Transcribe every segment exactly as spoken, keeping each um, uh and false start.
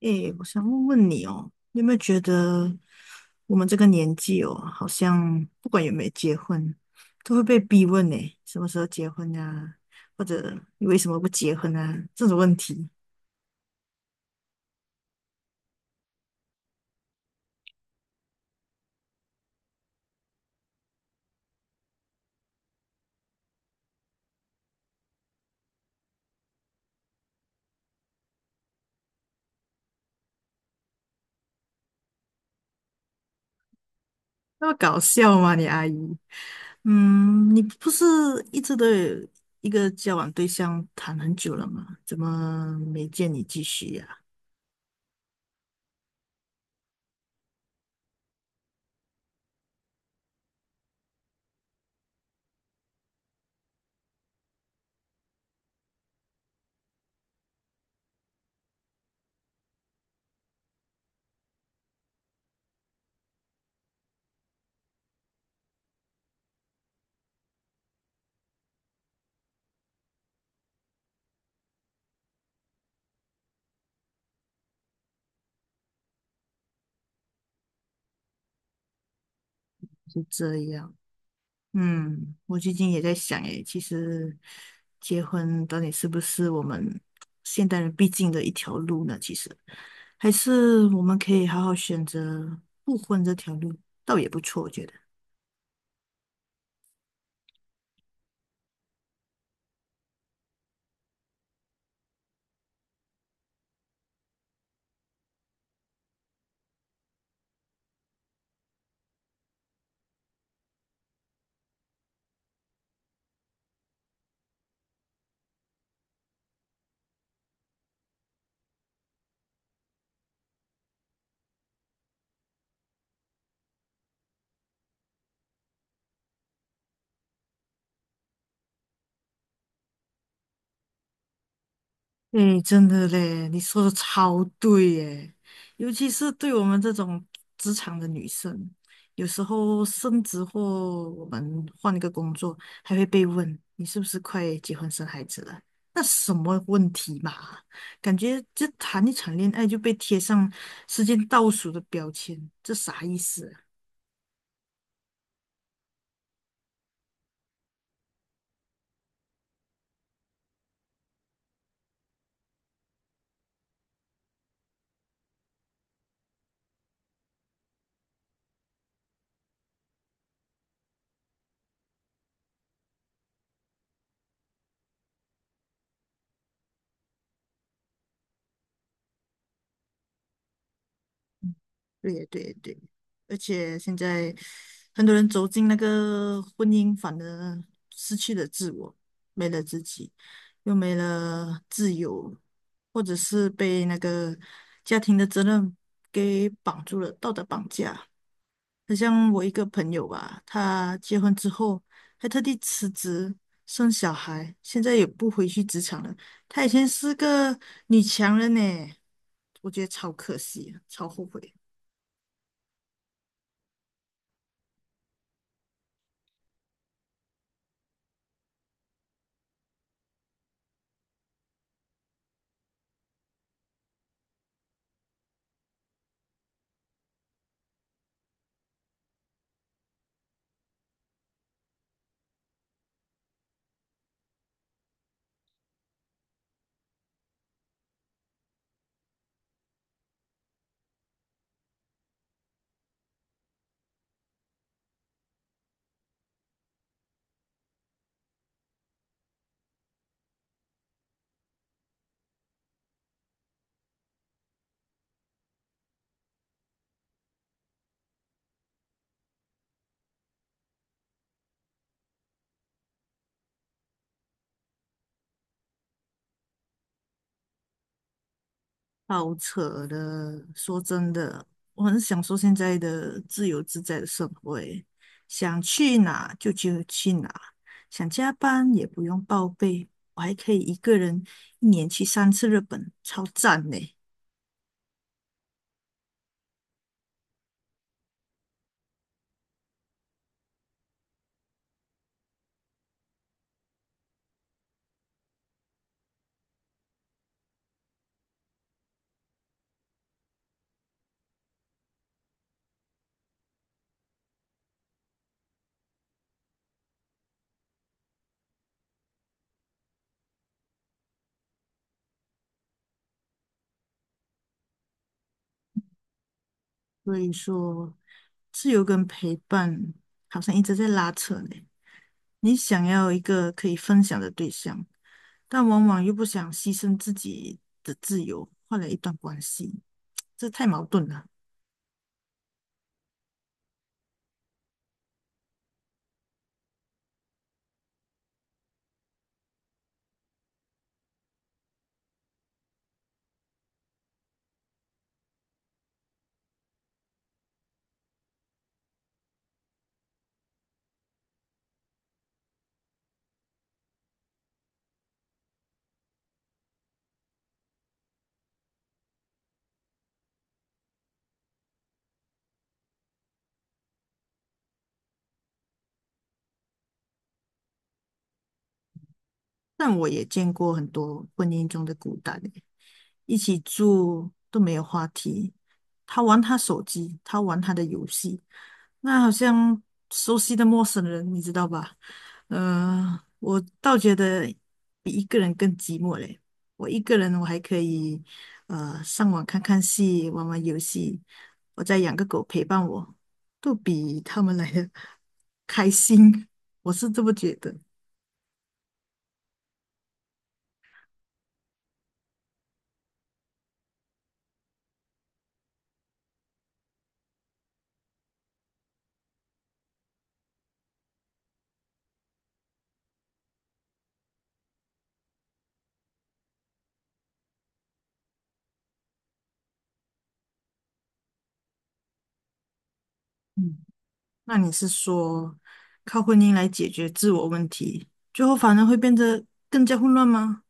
诶，我想问问你哦，你有没有觉得我们这个年纪哦，好像不管有没有结婚，都会被逼问呢，什么时候结婚呀、或者你为什么不结婚啊？这种问题，那么搞笑吗？你阿姨，嗯，你不是一直都有一个交往对象谈很久了吗？怎么没见你继续呀、是这样。嗯，我最近也在想，诶，其实结婚到底是不是我们现代人必经的一条路呢？其实，还是我们可以好好选择不婚这条路，倒也不错，我觉得。哎，真的嘞，你说的超对耶，尤其是对我们这种职场的女生，有时候升职或我们换一个工作，还会被问你是不是快结婚生孩子了？那什么问题嘛？感觉就谈一场恋爱就被贴上时间倒数的标签，这啥意思啊？对对对，而且现在很多人走进那个婚姻，反而失去了自我，没了自己，又没了自由，或者是被那个家庭的责任给绑住了，道德绑架。很像我一个朋友吧，他结婚之后还特地辞职生小孩，现在也不回去职场了。她以前是个女强人呢，我觉得超可惜，超后悔。好扯的，说真的，我很享受现在的自由自在的生活欸，想去哪就就去哪，想加班也不用报备，我还可以一个人一年去三次日本，超赞呢。所以说，自由跟陪伴好像一直在拉扯呢。你想要一个可以分享的对象，但往往又不想牺牲自己的自由，换来一段关系，这太矛盾了。但我也见过很多婚姻中的孤单欸，一起住都没有话题，他玩他手机，他玩他的游戏，那好像熟悉的陌生人，你知道吧？呃，我倒觉得比一个人更寂寞嘞。我一个人我还可以呃上网看看戏，玩玩游戏，我再养个狗陪伴我，都比他们来的 开心，我是这么觉得。嗯，那你是说靠婚姻来解决自我问题，最后反而会变得更加混乱吗？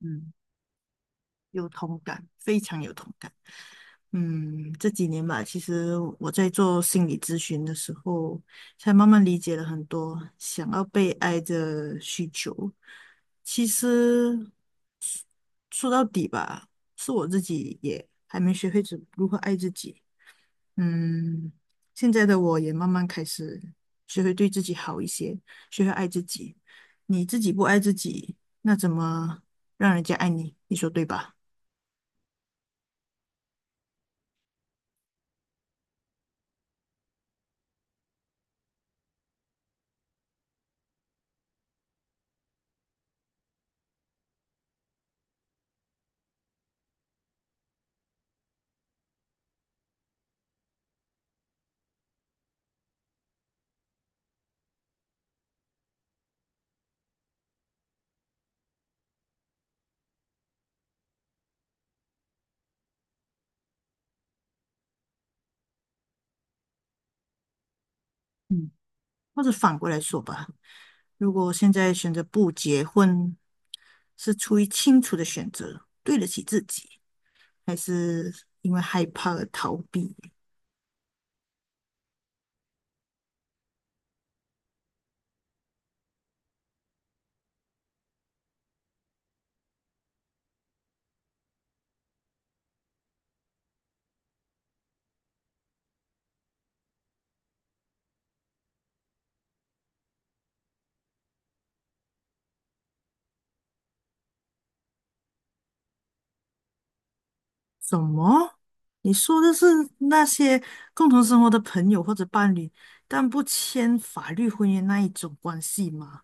嗯，有同感，非常有同感。嗯，这几年吧，其实我在做心理咨询的时候，才慢慢理解了很多想要被爱的需求。其实说到底吧，是我自己也还没学会怎如何爱自己。嗯，现在的我也慢慢开始学会对自己好一些，学会爱自己。你自己不爱自己，那怎么让人家爱你？你说对吧？嗯，或者反过来说吧，如果现在选择不结婚，是出于清楚的选择，对得起自己，还是因为害怕而逃避？什么？你说的是那些共同生活的朋友或者伴侣，但不签法律婚姻那一种关系吗？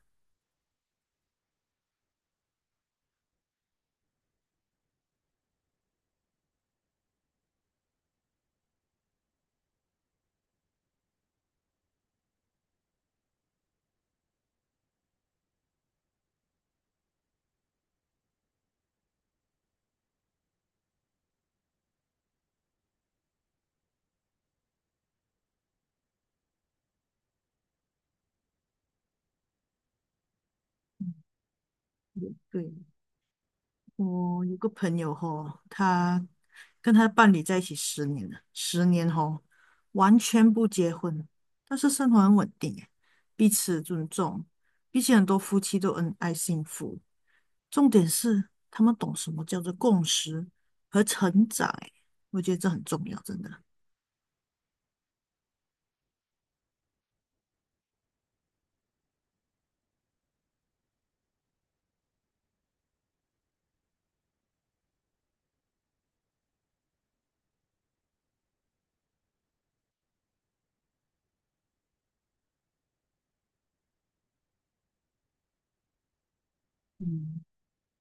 也对，我有个朋友吼，他跟他的伴侣在一起十年了，十年吼，完全不结婚，但是生活很稳定诶，彼此尊重，比起很多夫妻都恩爱幸福。重点是他们懂什么叫做共识和成长诶，我觉得这很重要，真的。嗯。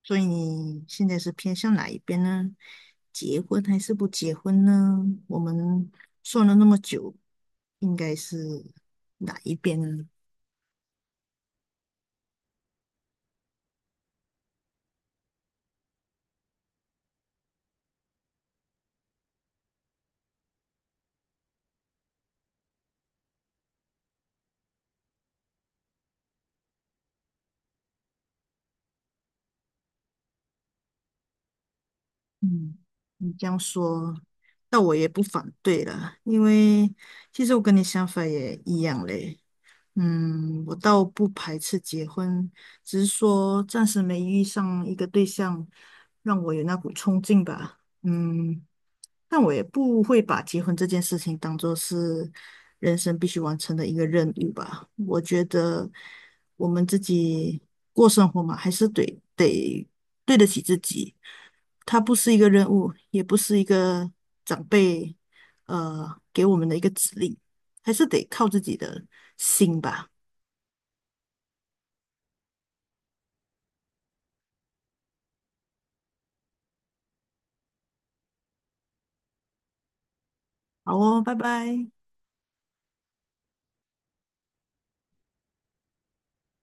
所以你现在是偏向哪一边呢？结婚还是不结婚呢？我们算了那么久，应该是哪一边呢？嗯，你这样说，那我也不反对了，因为其实我跟你想法也一样嘞。嗯，我倒不排斥结婚，只是说暂时没遇上一个对象，让我有那股冲劲吧。嗯，但我也不会把结婚这件事情当做是人生必须完成的一个任务吧。我觉得我们自己过生活嘛，还是得得对得起自己。它不是一个任务，也不是一个长辈呃给我们的一个指令，还是得靠自己的心吧。好哦，拜拜。